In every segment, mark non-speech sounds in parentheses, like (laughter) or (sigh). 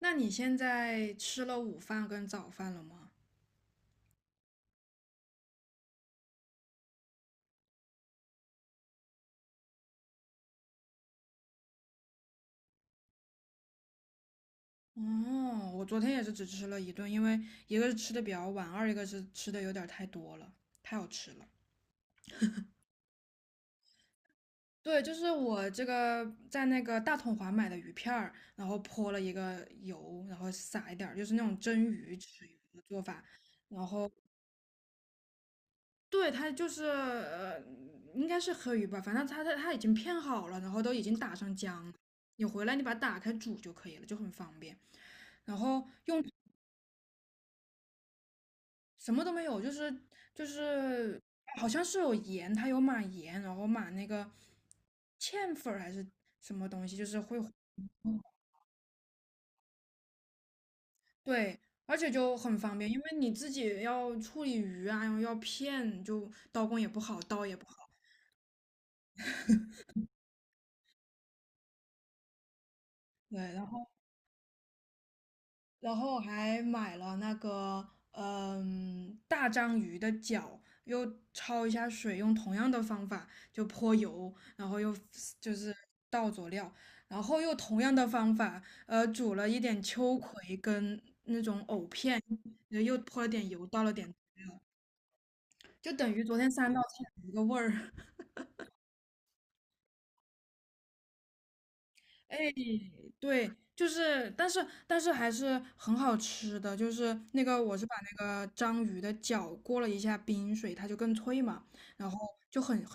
那你现在吃了午饭跟早饭了吗？哦，我昨天也是只吃了一顿，因为一个是吃的比较晚，二一个是吃的有点儿太多了，太好吃了。对，就是我这个在那个大统华买的鱼片儿，然后泼了一个油，然后撒一点儿，就是那种蒸鱼吃鱼的做法，然后对，他就是应该是黑鱼吧，反正他已经片好了，然后都已经打上浆你回来你把它打开煮就可以了，就很方便。然后用什么都没有，就是好像是有盐，它有码盐，然后码那个芡粉儿还是对，而且就很方便，因为你自己要处理鱼啊，要片，就刀工也不好，刀也不好。对，然后。然后还买了那个大章鱼的脚，又焯一下水，用同样的方法就泼油，然后又就是倒佐料，然后又同样的方法，煮了一点秋葵跟藕片，又泼了点油，倒了点，就等于昨天三道菜一个味儿。(laughs) 哎，对，就是，但是还是很好吃的，就是那个我是把那个章鱼的脚过了一下冰水，它就更脆嘛。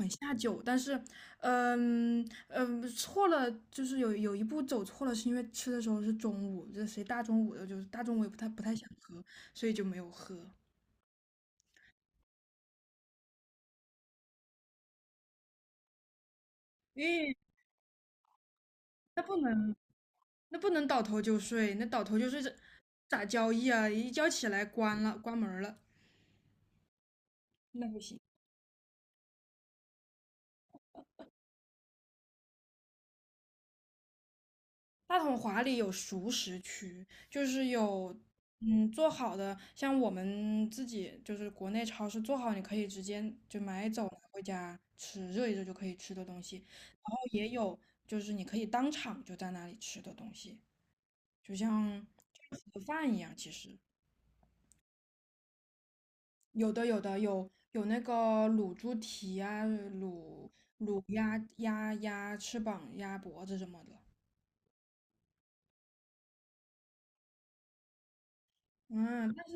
下酒，但是，嗯嗯，错了，就是有一步走错了，是因为吃的时候是中午，这谁大中午的，就是大中午也不太想喝，所以就没有喝。因为那不能那不能倒头就睡，那倒头就睡这咋交易啊？一觉起来关了关门儿了，那不行。大统华里有熟食区，就是有做好的，像我们自己就是国内超市做好，你可以直接就买走拿回家吃，热一热就可以吃的东西。然后也有就是你可以当场就在那里吃的东西，就像盒饭一样。其实有的有那个卤猪蹄啊，卤卤鸭鸭翅膀、鸭脖子什么的。嗯，但是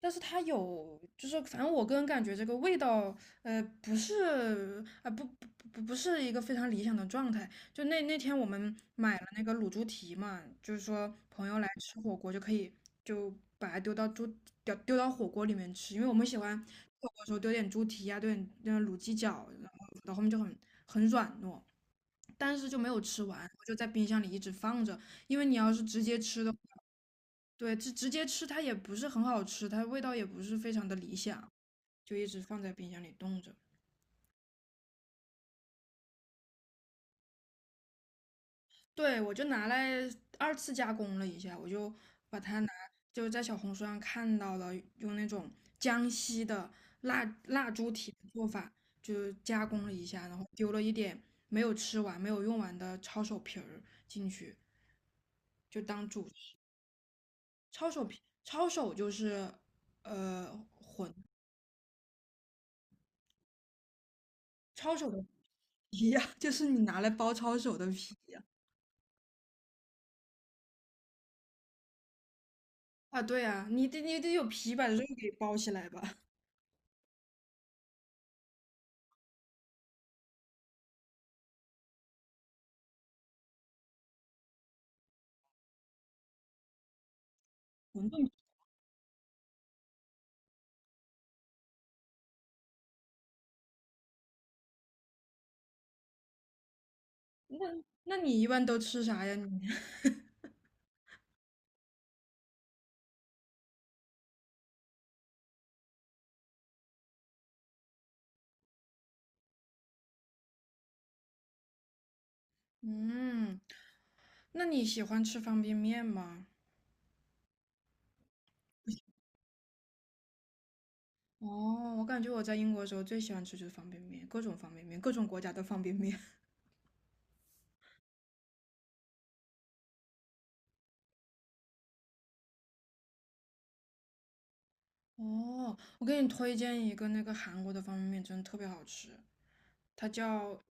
但是它有，就是反正我个人感觉这个味道，不是啊、不是一个非常理想的状态。就那那天我们买了那个卤猪蹄嘛，就是说朋友来吃火锅就可以就把它丢到猪丢到火锅里面吃，因为我们喜欢火锅的时候丢点猪蹄啊，丢点卤鸡脚，然后到后面就很很软糯，但是就没有吃完，我就在冰箱里一直放着，因为你要是直接吃的话。对，直接吃它也不是很好吃，它味道也不是非常的理想，就一直放在冰箱里冻着。对，我就拿来二次加工了一下，我就把它拿，就是在小红书上看到了用那种江西的腊猪蹄的做法，就加工了一下，然后丢了一点没有吃完、没有用完的抄手皮儿进去，就当主食。抄手皮，抄手就是呃馄抄手的皮呀、就是你拿来包抄手的皮呀、啊。对呀、你得有皮把肉给包起来吧。(laughs) 馄饨皮，那你一般都吃啥呀你？(laughs) 嗯，那你喜欢吃方便面吗？哦，我感觉我在英国的时候最喜欢吃就是方便面，各种方便面，各种国家的方便面。(laughs) 哦，我给你推荐一个那个韩国的方便面，真的特别好吃，它叫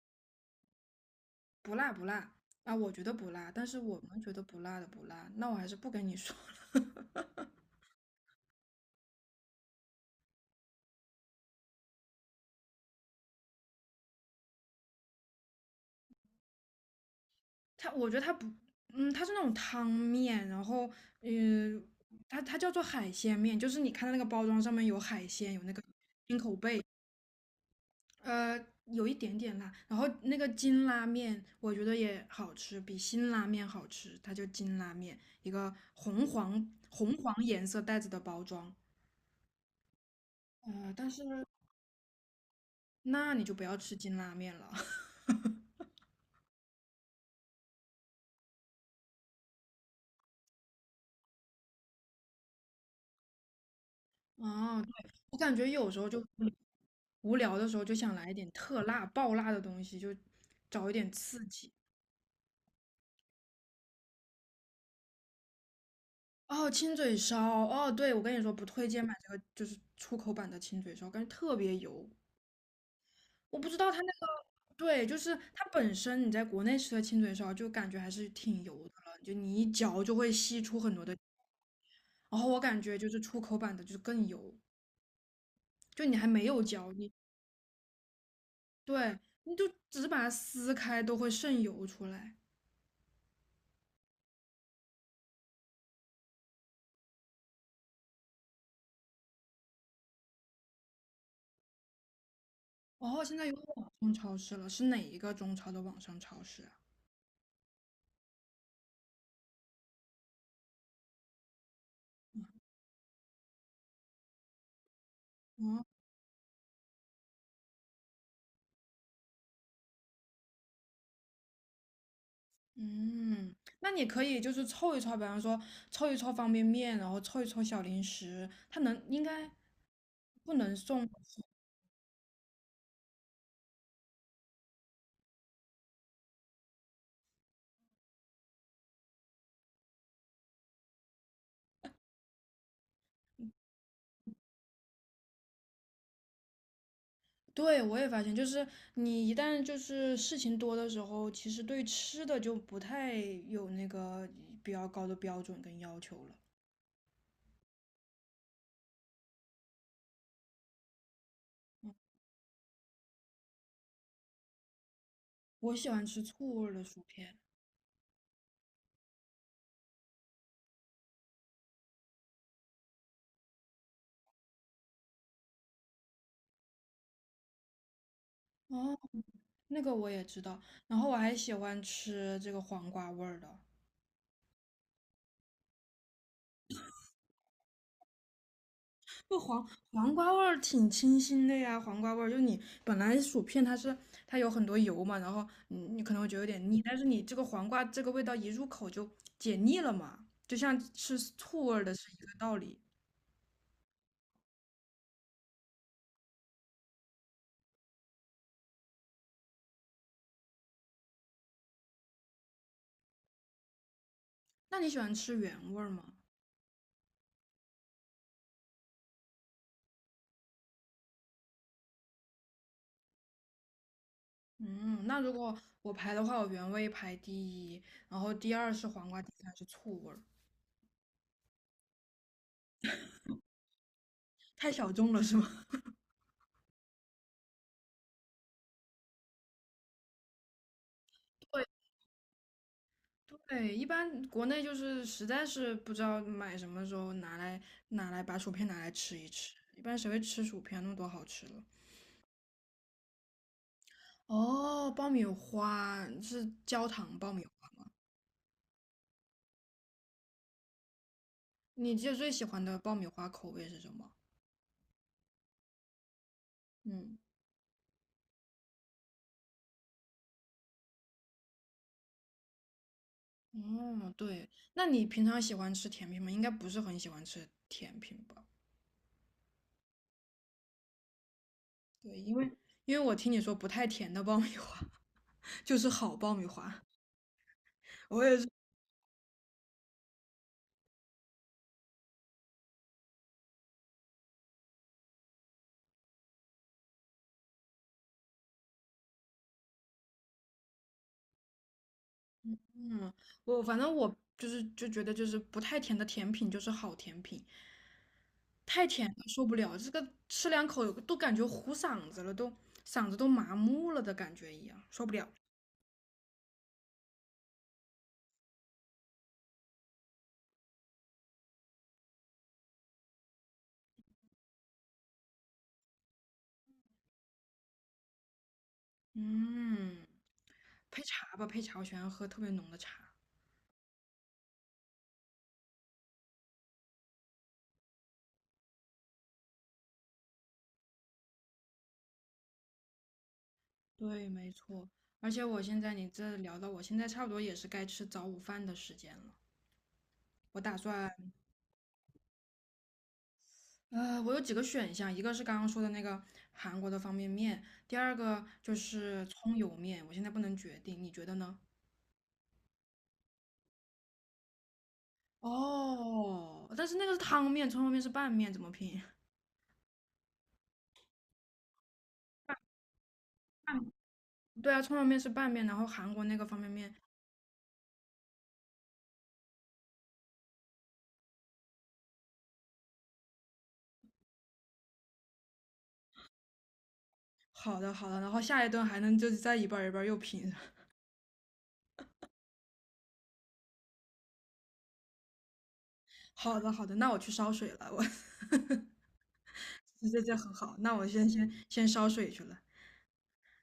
不辣不辣啊，我觉得不辣，但是我们觉得不辣的不辣，那我还是不跟你说了。(laughs) 它，我觉得它不，它是那种汤面，然后，嗯、它它叫做海鲜面，就是你看到那个包装上面有海鲜，有那个，有一点点辣，然后那个金拉面，我觉得也好吃，比辛拉面好吃，它叫金拉面，一个红黄红黄颜色袋子的包装，但是那你就不要吃金拉面了。(laughs) 哦，对，我感觉有时候就无聊的时候就想来一点特辣、爆辣的东西，就找一点刺激。哦，亲嘴烧，哦，对，我跟你说不推荐买这个，就是出口版的亲嘴烧，感觉特别油。我不知道它那个，对，就是它本身你在国内吃的亲嘴烧就感觉还是挺油的了，就你一嚼就会吸出很多的。然后我感觉就是出口版的就是更油，就你还没有嚼，你对，你就只是把它撕开都会渗油出来。哦，现在有网上超市了，是哪一个中超的网上超市啊？哦，嗯，那你可以就是凑一凑，比方说凑一凑方便面，然后凑一凑小零食，它能应该不能送。对，我也发现，就是你一旦就是事情多的时候，其实对吃的就不太有那个比较高的标准跟要求了。我喜欢吃醋味儿的薯片，哦，那个我也知道，然后我还喜欢吃这个黄瓜味儿的。不黄黄瓜味儿挺清新的呀，黄瓜味儿就你本来薯片它是它有很多油嘛，然后你可能会觉得有点腻，但是你这个黄瓜这个味道一入口就解腻了嘛，就像吃醋味儿的是一个道理。那你喜欢吃原味儿吗？嗯，那如果我排的话，我原味排第一，然后第二是黄瓜，第三是醋味儿，太小众了是吗？(laughs) 对，一般国内就是实在是不知道买什么的时候拿来把薯片拿来吃一吃，一般谁会吃薯片？那么多好吃的。哦，爆米花是焦糖爆米花，你记得最喜欢的爆米花口味是什么？嗯，哦，对，那你平常喜欢吃甜品吗？应该不是很喜欢吃甜品吧？对，因为我听你说不太甜的爆米花 (laughs) 就是好爆米花，(laughs) 我也是。嗯，我反正我就是就觉得就是不太甜的甜品就是好甜品，太甜了受不了，这个吃两口都感觉糊嗓子了，都嗓子都麻木了的感觉一样，受不了。嗯，配茶吧，配茶，我喜欢喝特别浓的茶。对，没错。而且我现在你这聊到我现在差不多也是该吃早午饭的时间了，我打算我有几个选项，一个是刚刚说的那个韩国的方便面，第二个就是葱油面，我现在不能决定，你觉得呢？哦，但是那个是汤面，葱油面是拌面，怎么拼？对啊，葱油面是拌面，然后韩国那个方便面，好的好的，然后下一顿还能就是再一半儿一半儿又拼，(laughs) 好的好的，那我去烧水了，我 (laughs) 这很好，那我先烧水去了，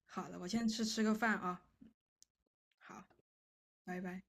好了，我先吃个饭啊，好，拜拜。